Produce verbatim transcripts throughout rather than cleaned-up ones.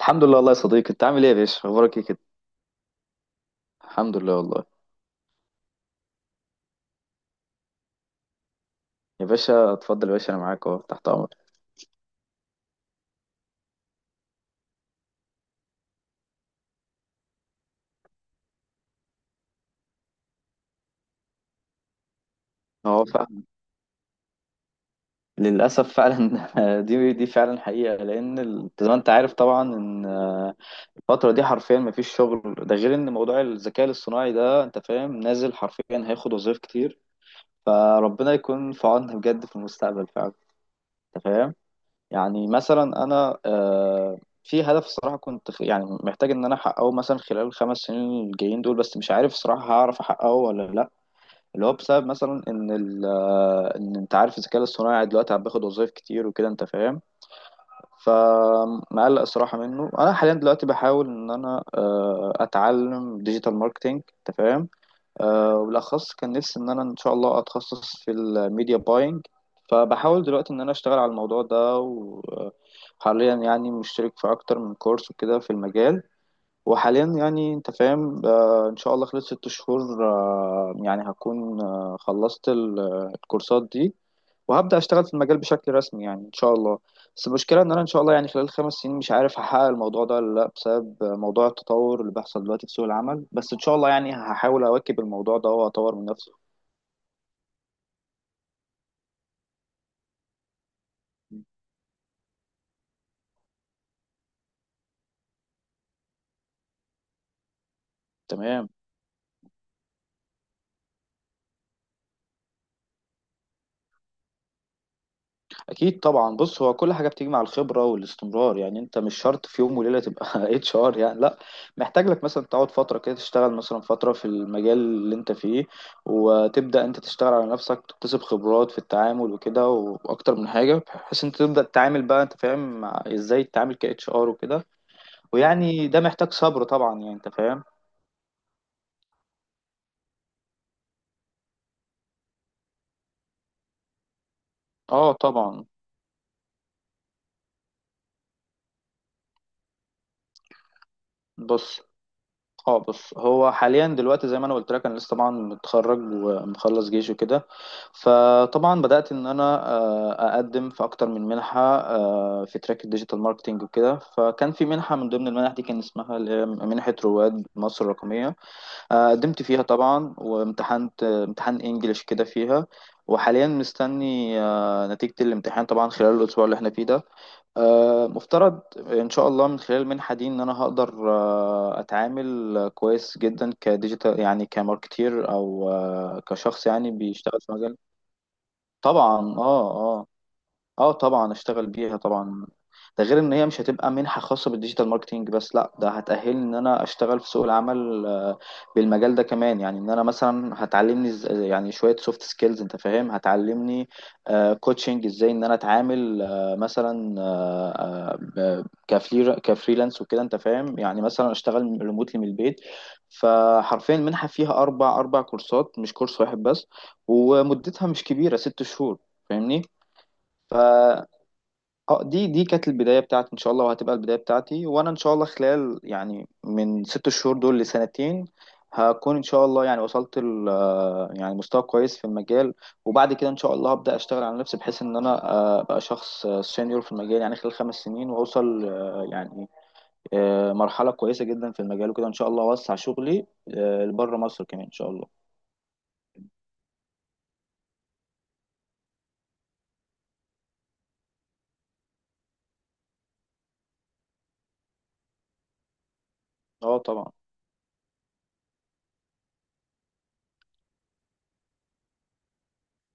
الحمد لله والله يا صديقي، انت عامل ايه يا باشا؟ اخبارك ايه كده؟ الحمد لله والله. يا باشا اتفضل، يا باشا انا معاك اهو تحت امرك. هو فعلا. للاسف فعلا. دي دي فعلا حقيقه، لان ال- زي ما انت عارف طبعا ان آه، الفتره دي حرفيا ما فيش شغل. ده غير ان موضوع الذكاء الاصطناعي ده انت فاهم نازل، حرفيا هياخد وظائف كتير. فربنا يكون في عوننا بجد في المستقبل فعلا. انت فاهم. يعني مثلا انا آه، في هدف الصراحه كنت خ- يعني محتاج ان انا احققه مثلا خلال الخمس سنين الجايين دول، بس مش عارف الصراحه هعرف احققه ولا لا. اللي هو بسبب مثلا ان ال آه، ان انت عارف الذكاء الاصطناعي دلوقتي عم باخد وظايف كتير وكده، انت فاهم. فمقلق الصراحه منه، انا حاليا دلوقتي بحاول ان انا آه، اتعلم ديجيتال ماركتينج. انت فاهم. آه، وبالأخص كان نفسي إن أنا إن شاء الله أتخصص في الميديا باينج. فبحاول دلوقتي إن أنا أشتغل على الموضوع ده، وحاليا يعني مشترك في أكتر من كورس وكده في المجال. وحاليا يعني أنت فاهم، آه، إن شاء الله خلال ست شهور آه، يعني هكون آه، خلصت ال- الكورسات دي، وهبدأ أشتغل في المجال بشكل رسمي يعني إن شاء الله. بس المشكلة إن أنا إن شاء الله يعني خلال خمس سنين مش عارف هحقق الموضوع ده ولا لأ، بسبب موضوع التطور اللي بيحصل دلوقتي في سوق العمل. بس إن شاء الله يعني هحاول أواكب الموضوع ده وأطور من نفسي. تمام. اكيد طبعا. بص هو كل حاجه بتيجي مع الخبره والاستمرار، يعني انت مش شرط في يوم وليله تبقى اتش ار، يعني لا. محتاج لك مثلا تقعد فتره كده، تشتغل مثلا فتره في المجال اللي انت فيه، وتبدا انت تشتغل على نفسك، تكتسب خبرات في التعامل وكده واكتر من حاجه، بحيث انت تبدا تتعامل بقى انت فاهم، مع ازاي تتعامل كاتش ار وكده. ويعني ده محتاج صبر طبعا، يعني انت فاهم. اه طبعا. بص اه بص هو حاليا دلوقتي زي ما انا قلت لك، انا لسه طبعا متخرج ومخلص جيش وكده. فطبعا بدأت ان انا آه، اقدم في اكتر من منحة آه، في تراك الديجيتال ماركتينج وكده. فكان في منحة من ضمن المنح دي كان اسمها اللي هي منحة رواد مصر الرقمية. آه، قدمت فيها طبعا، وامتحنت آه، امتحان انجليش كده فيها. وحاليا مستني آه، نتيجة الامتحان طبعا، خلال الأسبوع اللي احنا فيه ده. آه، مفترض ان شاء الله من خلال المنحه دي ان انا هقدر آه، اتعامل آه، كويس جدا كديجيتال، يعني كماركتير او آه، كشخص يعني بيشتغل في مجال. طبعا اه. آه. اه طبعا اشتغل بيها طبعا. ده غير ان هي مش هتبقى منحة خاصة بالديجيتال ماركتينج بس، لا ده هتأهلني ان انا اشتغل في سوق العمل، آه، بالمجال ده كمان، يعني ان انا مثلا هتعلمني إز- يعني شوية سوفت سكيلز انت فاهم، هتعلمني كوتشنج ازاي ان انا اتعامل آه، مثلا آه، آه، كفري كفريلانس وكده انت فاهم، يعني مثلا اشتغل ريموتلي من البيت. فحرفيا المنحة فيها اربع اربع كورسات مش كورس واحد بس، ومدتها مش كبيرة، ست شهور. فاهمني. اه، دي دي كانت البداية بتاعتي ان شاء الله، وهتبقى البداية بتاعتي. وانا ان شاء الله خلال يعني من ست شهور دول لسنتين، هكون ان شاء الله يعني وصلت ل آه، يعني مستوى كويس في المجال. وبعد كده ان شاء الله هبدأ اشتغل على نفسي، بحيث ان انا آه، ابقى شخص سينيور في المجال، يعني خلال خمس سنين واوصل آه، يعني آه، مرحلة كويسة جدا في المجال وكده، ان شاء الله اوسع شغلي آه، لبره مصر كمان ان شاء الله. اه طبعا.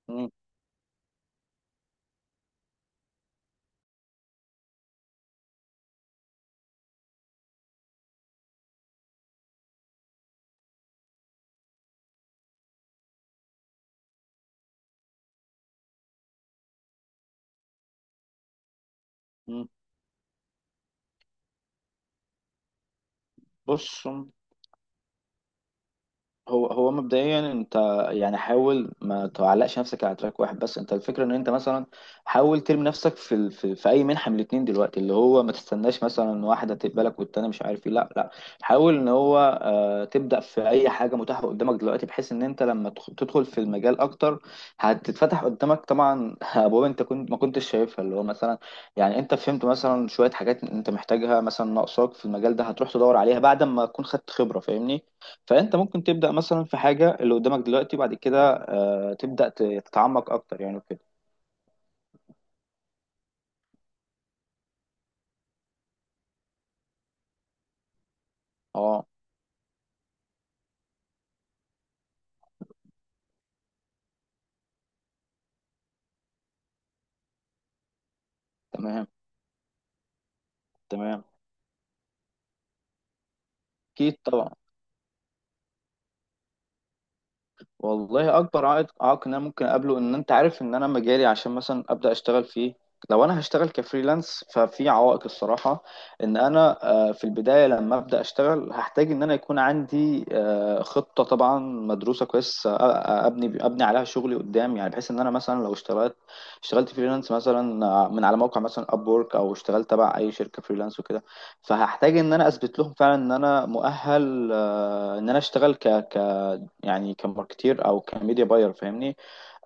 مم. مم. بص، هو هو مبدئيا انت يعني حاول ما تعلقش نفسك على تراك واحد بس، انت الفكره ان انت مثلا حاول ترمي نفسك في ال... في, في اي منحه من الاثنين دلوقتي، اللي هو ما تستناش مثلا واحده تقبلك والتانيه مش عارف ايه، لا لا. حاول ان هو آه تبدا في اي حاجه متاحه قدامك دلوقتي، بحيث ان انت لما تخ- تدخل في المجال اكتر، هتتفتح قدامك طبعا ابواب انت كنت ما كنتش شايفها، اللي هو مثلا يعني انت فهمت مثلا شويه حاجات انت محتاجها، مثلا ناقصاك في المجال ده، هتروح تدور عليها بعد ما تكون خدت خبره، فاهمني. فانت ممكن تبدا مثلا في حاجه اللي قدامك دلوقتي، بعد كده آه تبدا تتعمق اكتر يعني وكده. اه، تمام، تمام. اكيد طبعا. والله، اكبر عائق عائق ان انا ممكن اقابله، ان انت عارف ان انا مجالي، عشان مثلا ابدا اشتغل فيه لو انا هشتغل كفريلانس، ففي عوائق الصراحه. ان انا آه، في البدايه لما ابدا اشتغل، هحتاج ان انا يكون عندي آه، خطه طبعا مدروسه كويس، آه، آه، ابني ابني عليها شغلي قدام، يعني بحيث ان انا مثلا لو اشتغلت اشتغلت فريلانس مثلا آه، من على موقع مثلا ابورك، او اشتغلت تبع اي شركه فريلانس وكده. فهحتاج ان انا اثبت لهم فعلا ان انا مؤهل، آه، ان انا اشتغل ك ك يعني كماركتير او كميديا باير، فاهمني.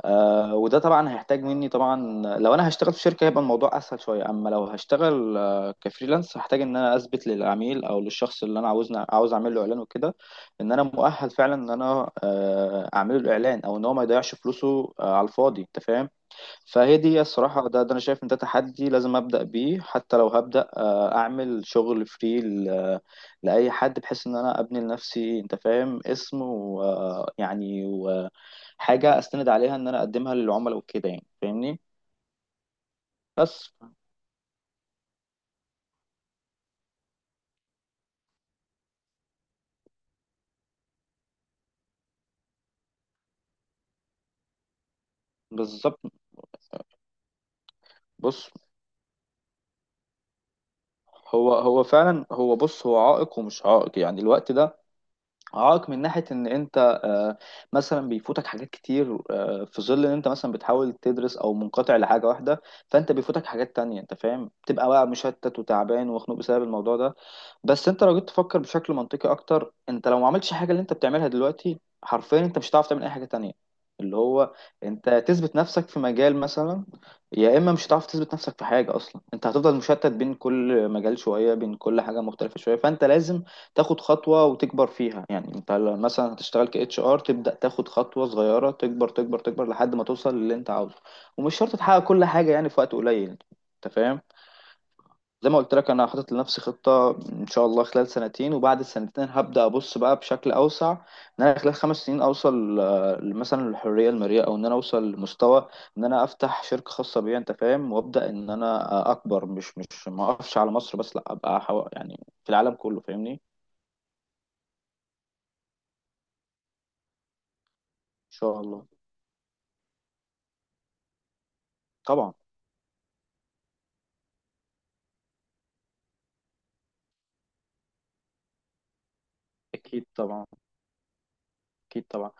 آه وده طبعا هيحتاج مني طبعا. لو انا هشتغل في شركه هيبقى الموضوع اسهل شويه، اما لو هشتغل آه كفريلانس، هحتاج ان انا اثبت للعميل او للشخص اللي انا عاوزنا عاوز اعمل له اعلان وكده، ان انا مؤهل فعلا ان انا آه اعمل له اعلان، او ان هو ما يضيعش فلوسه آه على الفاضي، انت فاهم. فهي دي الصراحة، ده, ده أنا شايف إن ده تحدي لازم أبدأ بيه، حتى لو هبدأ آه، أعمل شغل فري ل- لأي حد، بحيث إن أنا أبني لنفسي أنت فاهم اسم، ويعني وحاجة أستند عليها إن أنا أقدمها للعملاء وكده، يعني فاهمني. بس. بالظبط. بص هو هو فعلا هو بص هو عائق ومش عائق، يعني الوقت ده عائق من ناحية إن أنت آه، مثلا بيفوتك حاجات كتير، آه، في ظل إن أنت مثلا بتحاول تدرس أو منقطع لحاجة واحدة، فأنت بيفوتك حاجات تانية أنت فاهم، بتبقى بقى مشتت وتعبان ومخنوق بسبب الموضوع ده. بس انت لو جيت تفكر بشكل منطقي اكتر، انت لو ما عملتش حاجه اللي انت بتعملها دلوقتي، حرفيا انت مش هتعرف تعمل اي حاجه تانية. اللي هو انت تثبت نفسك في مجال مثلا، يا اما مش هتعرف تثبت نفسك في حاجه اصلا، انت هتفضل مشتت بين كل مجال شويه، بين كل حاجه مختلفه شويه، فانت لازم تاخد خطوه وتكبر فيها، يعني انت لو مثلا هتشتغل ك اتش ار، تبدا تاخد خطوه صغيره، تكبر، تكبر، تكبر لحد ما توصل للي انت عاوزه. ومش شرط تحقق كل حاجه يعني في وقت قليل. انت فاهم. زي ما قلت لك، انا حاطط لنفسي خطه ان شاء الله خلال سنتين، وبعد السنتين هبدا ابص بقى بشكل اوسع، ان انا خلال خمس سنين اوصل آه، مثلا للحريه الماليه، او ان انا اوصل لمستوى ان انا افتح شركه خاصه بيا انت فاهم، وابدا ان انا آه، اكبر، مش مش ما اقفش على مصر بس، لا ابقى حو... يعني في العالم كله، فاهمني، ان شاء الله. طبعا. اكيد طبعا. اكيد طبعا.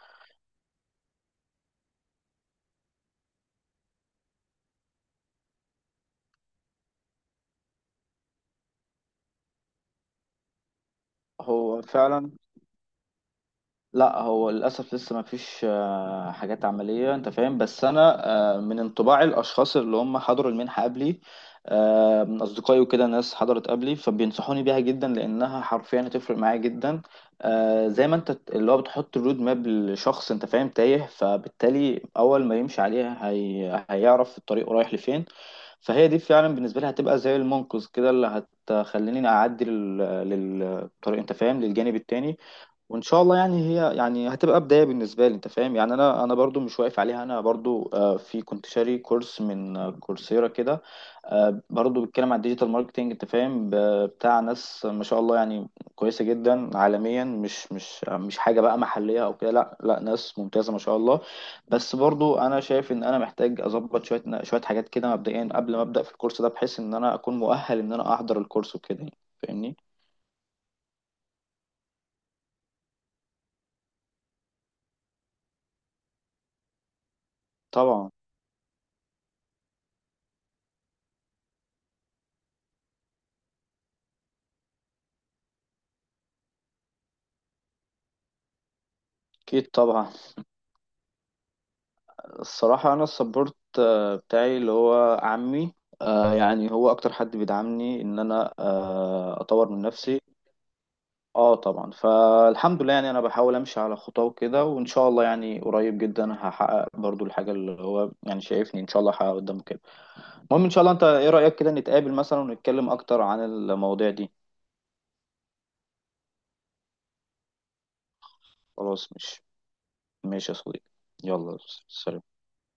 هو فعلا. لا هو للأسف لسه ما فيش آه، حاجات عملية أنت فاهم، بس أنا آه، من انطباع الأشخاص اللي هم حضروا المنحة قبلي، آه، من أصدقائي وكده، ناس حضرت قبلي فبينصحوني بيها جدا، لأنها حرفيا هتفرق معايا جدا. آه، زي ما أنت اللي هو بتحط الرود ماب لشخص أنت فاهم تايه، فبالتالي أول ما يمشي عليها هي... هيعرف الطريق رايح لفين. فهي دي فعلا بالنسبة لي هتبقى زي المنقذ كده، اللي هتخليني أعدي لل... للطريق أنت فاهم، للجانب التاني. وان شاء الله يعني هي يعني هتبقى بدايه بالنسبه لي انت فاهم، يعني انا انا برضو مش واقف عليها، انا برضو آه، في كنت شاري كورس من آه، كورسيرا كده، آه، برضو بيتكلم عن الديجيتال ماركتينج انت فاهم، ب- بتاع ناس ما شاء الله يعني، كويسه جدا عالميا، مش مش مش حاجه بقى محليه او كده، لا لا ناس ممتازه ما شاء الله. بس برضو انا شايف ان انا محتاج اظبط شويه شويه حاجات كده مبدئيا، قبل ما ابدا في الكورس ده، بحيث ان انا اكون مؤهل ان انا احضر الكورس وكده يعني، فاهمني. طبعا. اكيد طبعا. الصراحة أنا السبورت آه، بتاعي اللي هو عمي. آه، يعني هو أكتر حد بيدعمني إن أنا آه، أطور من نفسي. أه طبعا، فالحمد لله يعني أنا بحاول أمشي على خطاه وكده، وإن شاء الله يعني قريب جدا هحقق برضو الحاجة اللي هو يعني شايفني إن شاء الله هحققها قدامه كده. المهم إن شاء الله، أنت إيه رأيك كده نتقابل مثلا ونتكلم أكتر عن المواضيع دي؟ خلاص مش ماشي يا صديقي، يلا. سلام.